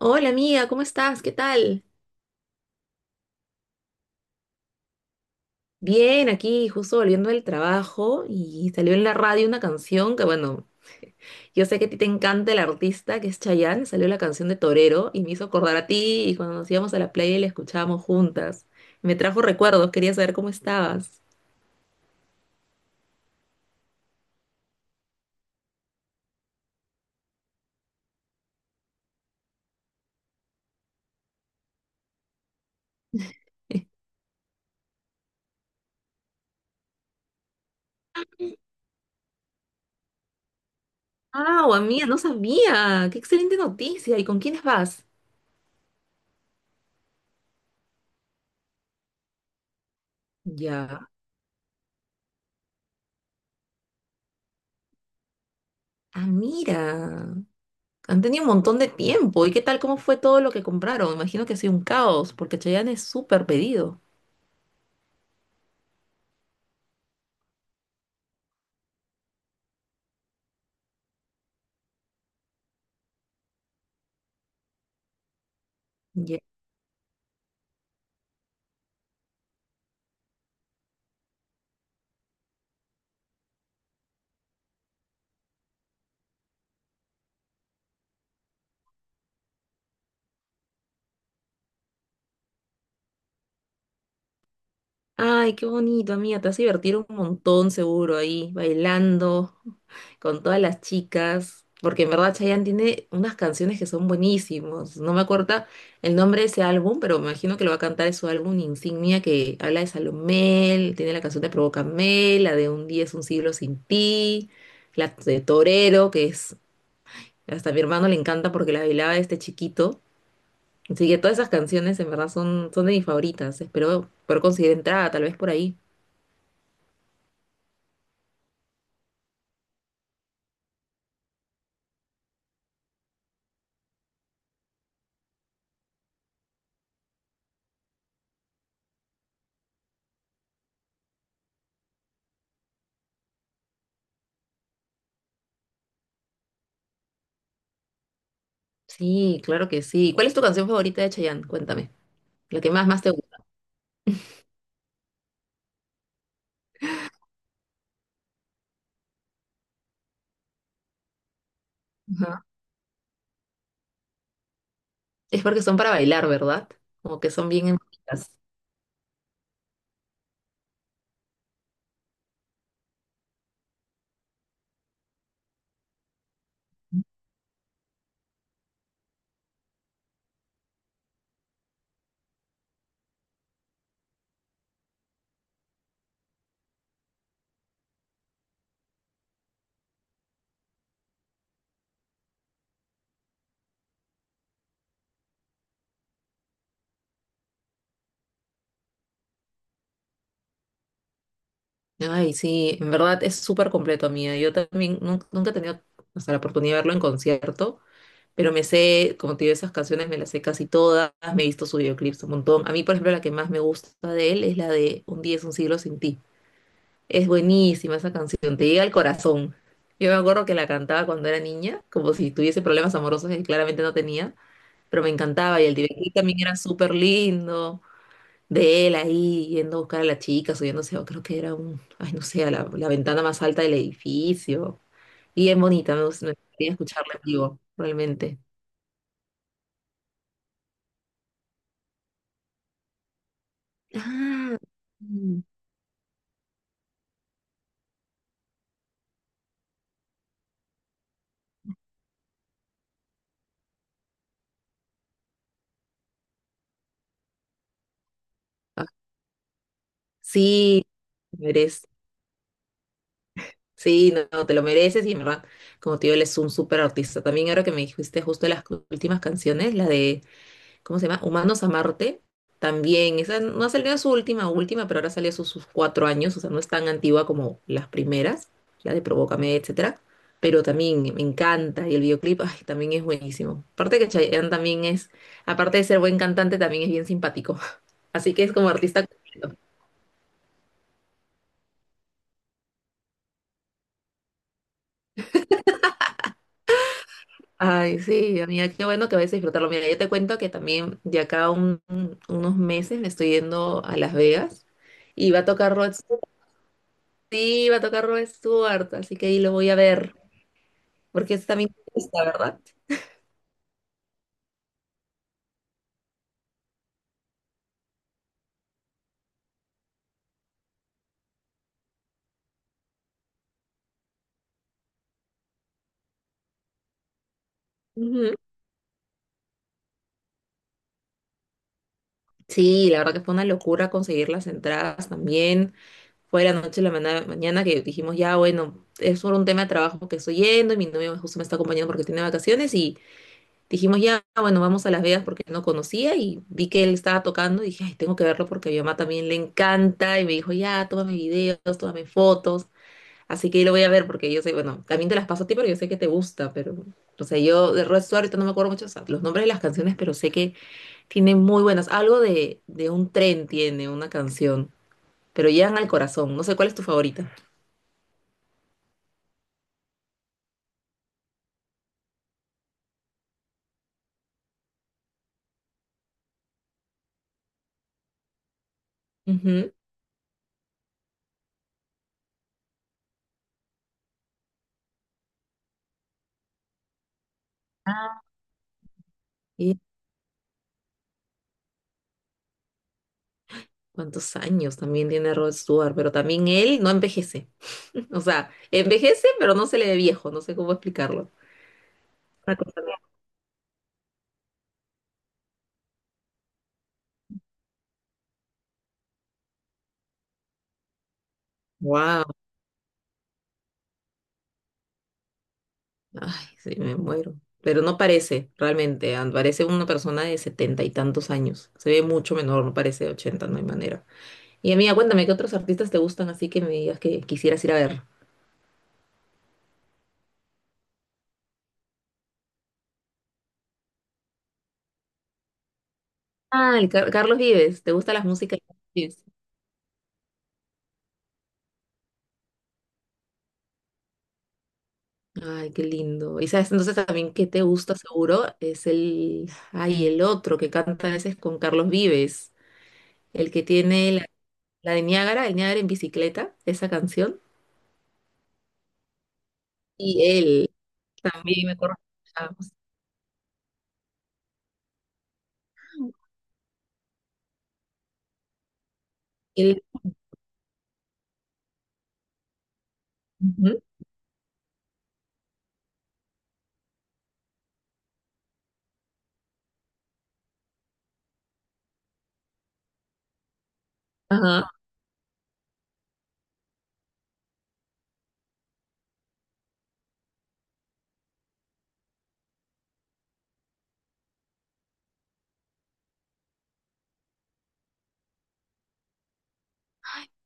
Hola amiga, ¿cómo estás? ¿Qué tal? Bien, aquí justo volviendo del trabajo y salió en la radio una canción que bueno, yo sé que a ti te encanta el artista que es Chayanne, salió la canción de Torero y me hizo acordar a ti y cuando nos íbamos a la playa y la escuchábamos juntas. Me trajo recuerdos, quería saber cómo estabas. Ah, amiga, no sabía. Qué excelente noticia. ¿Y con quiénes vas? Ya. Ah, mira. Han tenido un montón de tiempo. ¿Y qué tal? ¿Cómo fue todo lo que compraron? Imagino que ha sido un caos, porque Chayanne es súper pedido. Ya. Ay, qué bonito, amiga. Te vas a divertir un montón seguro ahí, bailando con todas las chicas. Porque en verdad Chayanne tiene unas canciones que son buenísimas. No me acuerdo el nombre de ese álbum, pero me imagino que lo va a cantar en su álbum insignia que habla de Salomé, tiene la canción de Provócame, la de Un día es un siglo sin ti, la de Torero, que es hasta a mi hermano le encanta porque la bailaba este chiquito. Así que todas esas canciones en verdad son de mis favoritas. Espero poder conseguir entrada, tal vez por ahí. Sí, claro que sí. ¿Cuál es tu canción favorita de Chayanne? Cuéntame. La que más, más te gusta. Ajá. Es porque son para bailar, ¿verdad? Como que son bien emotivas. Ay, sí, en verdad es súper completo, amiga. Yo también nunca he tenido hasta la oportunidad de verlo en concierto, pero me sé, como te digo, esas canciones me las sé casi todas, me he visto sus videoclips un montón. A mí, por ejemplo, la que más me gusta de él es la de Un día es un siglo sin ti. Es buenísima esa canción, te llega al corazón. Yo me acuerdo que la cantaba cuando era niña, como si tuviese problemas amorosos que claramente no tenía. Pero me encantaba y el DirecTV también era súper lindo, de él ahí yendo a buscar a la chica, subiéndose, o creo que era un, ay no sé, a la ventana más alta del edificio, y es bonita, me gustaría escucharla en vivo, realmente. Ah, mm. Ah, sí, te mereces. Sí, no, no, te lo mereces y en verdad, como te digo, él es un súper artista. También ahora que me dijiste justo las últimas canciones, la de ¿cómo se llama? Humanos a Marte, también, esa no ha salido su última, última, pero ahora salió sus 4 años, o sea, no es tan antigua como las primeras, la de Provócame, etcétera, pero también me encanta, y el videoclip, ay, también es buenísimo. Aparte que Chayanne también es, aparte de ser buen cantante, también es bien simpático, así que es como artista completo. Ay, sí, amiga, qué bueno que vayas a disfrutarlo. Mira, yo te cuento que también de acá a unos meses me estoy yendo a Las Vegas y va a tocar Rod. Sí, va a tocar Rod Stewart, así que ahí lo voy a ver, porque es también está, ¿verdad? Ujú. Sí, la verdad que fue una locura conseguir las entradas también. Fue la noche la mañana que dijimos, ya, bueno, es por un tema de trabajo que estoy yendo y mi novio justo me está acompañando porque tiene vacaciones y dijimos, ya, bueno, vamos a Las Vegas porque no conocía y vi que él estaba tocando y dije, ay, tengo que verlo porque a mi mamá también le encanta y me dijo, ya, tómame videos, tómame fotos. Así que ahí lo voy a ver porque yo sé, bueno, también te las paso a ti porque yo sé que te gusta, pero, o sea, yo de Rod Stewart ahorita no me acuerdo mucho, o sea, los nombres de las canciones, pero sé que tiene muy buenas. Algo de un tren tiene una canción, pero llegan al corazón. No sé cuál es tu favorita. Ujú. Ah, ¿y cuántos años también tiene Rod Stewart? Pero también él no envejece. O sea, envejece, pero no se le ve viejo, no sé cómo explicarlo. Una cosa así. Ay, sí, me muero. Pero no parece, realmente. Parece una persona de setenta y tantos años. Se ve mucho menor, no parece de 80, no hay manera. Y amiga, cuéntame, ¿qué otros artistas te gustan así que me digas que quisieras ir a ver? Ah, el Carlos Vives. ¿Te gusta las músicas de Carlos Vives? Ay, qué lindo. Y sabes, entonces también que te gusta seguro es el, ay, el otro que canta a veces con Carlos Vives, el que tiene la, la de Niágara, el Niágara en bicicleta, esa canción. Y él también me acuerdo. Ujú. Ajá,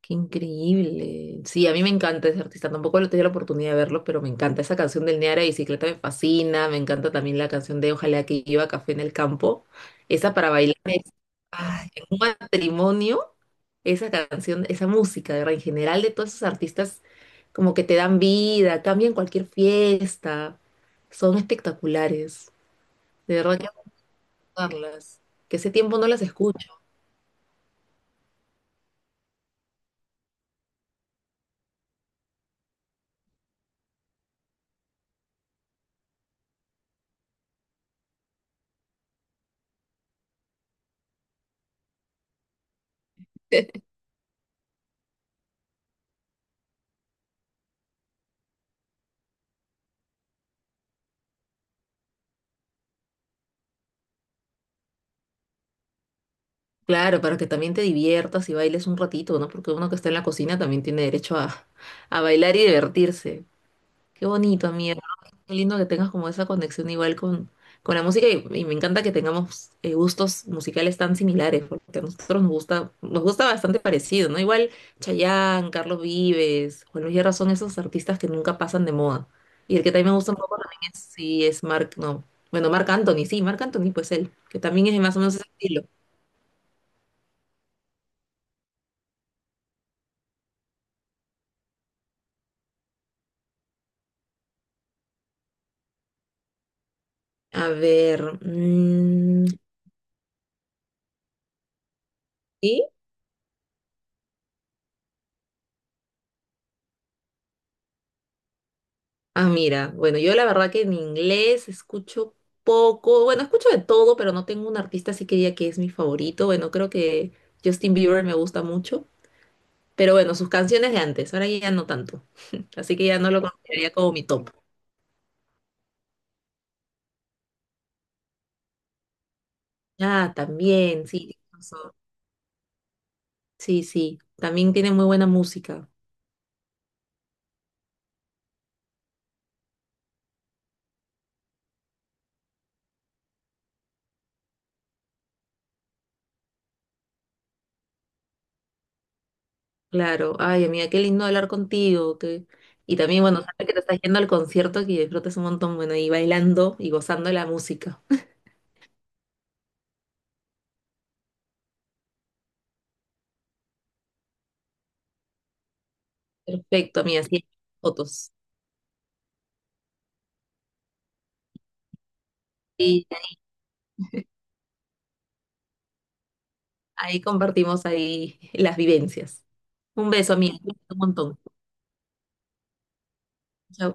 qué increíble. Sí, a mí me encanta ese artista. Tampoco he tenido la oportunidad de verlo, pero me encanta. Esa canción del Neara de Bicicleta me fascina. Me encanta también la canción de Ojalá que lleva café en el campo. Esa para bailar es- Ay, en un matrimonio. Esa canción, esa música, de verdad, en general de todos esos artistas, como que te dan vida, cambian cualquier fiesta. Son espectaculares. De verdad que hay que escucharlas. Que ese tiempo no las escucho. Claro, para que también te diviertas y bailes un ratito, ¿no? Porque uno que está en la cocina también tiene derecho a bailar y divertirse. Qué bonito, amigo. Qué lindo que tengas como esa conexión igual con la música y me encanta que tengamos gustos musicales tan similares, porque a nosotros nos gusta bastante parecido, ¿no? Igual Chayanne, Carlos Vives, Juan Luis Guerra son esos artistas que nunca pasan de moda. Y el que también me gusta un poco también es, sí, es Mark, no, bueno, Marc Anthony, sí, Marc Anthony, pues él, que también es de más o menos ese estilo. A ver, ¿sí? Ah, mira, bueno, yo la verdad que en inglés escucho poco, bueno, escucho de todo, pero no tengo un artista así que diga que es mi favorito. Bueno, creo que Justin Bieber me gusta mucho, pero bueno, sus canciones de antes, ahora ya no tanto, así que ya no lo consideraría como mi top. Ah, también, sí, tienes razón. Sí, sí, también tiene muy buena música. Claro, ay amiga, qué lindo hablar contigo, que... Y también bueno, sabes que te estás yendo al concierto, que disfrutes un montón, bueno, y bailando y gozando de la música. Perfecto, amiga, sí, fotos. Y ahí compartimos ahí las vivencias. Un beso, amiga, un montón. Chao.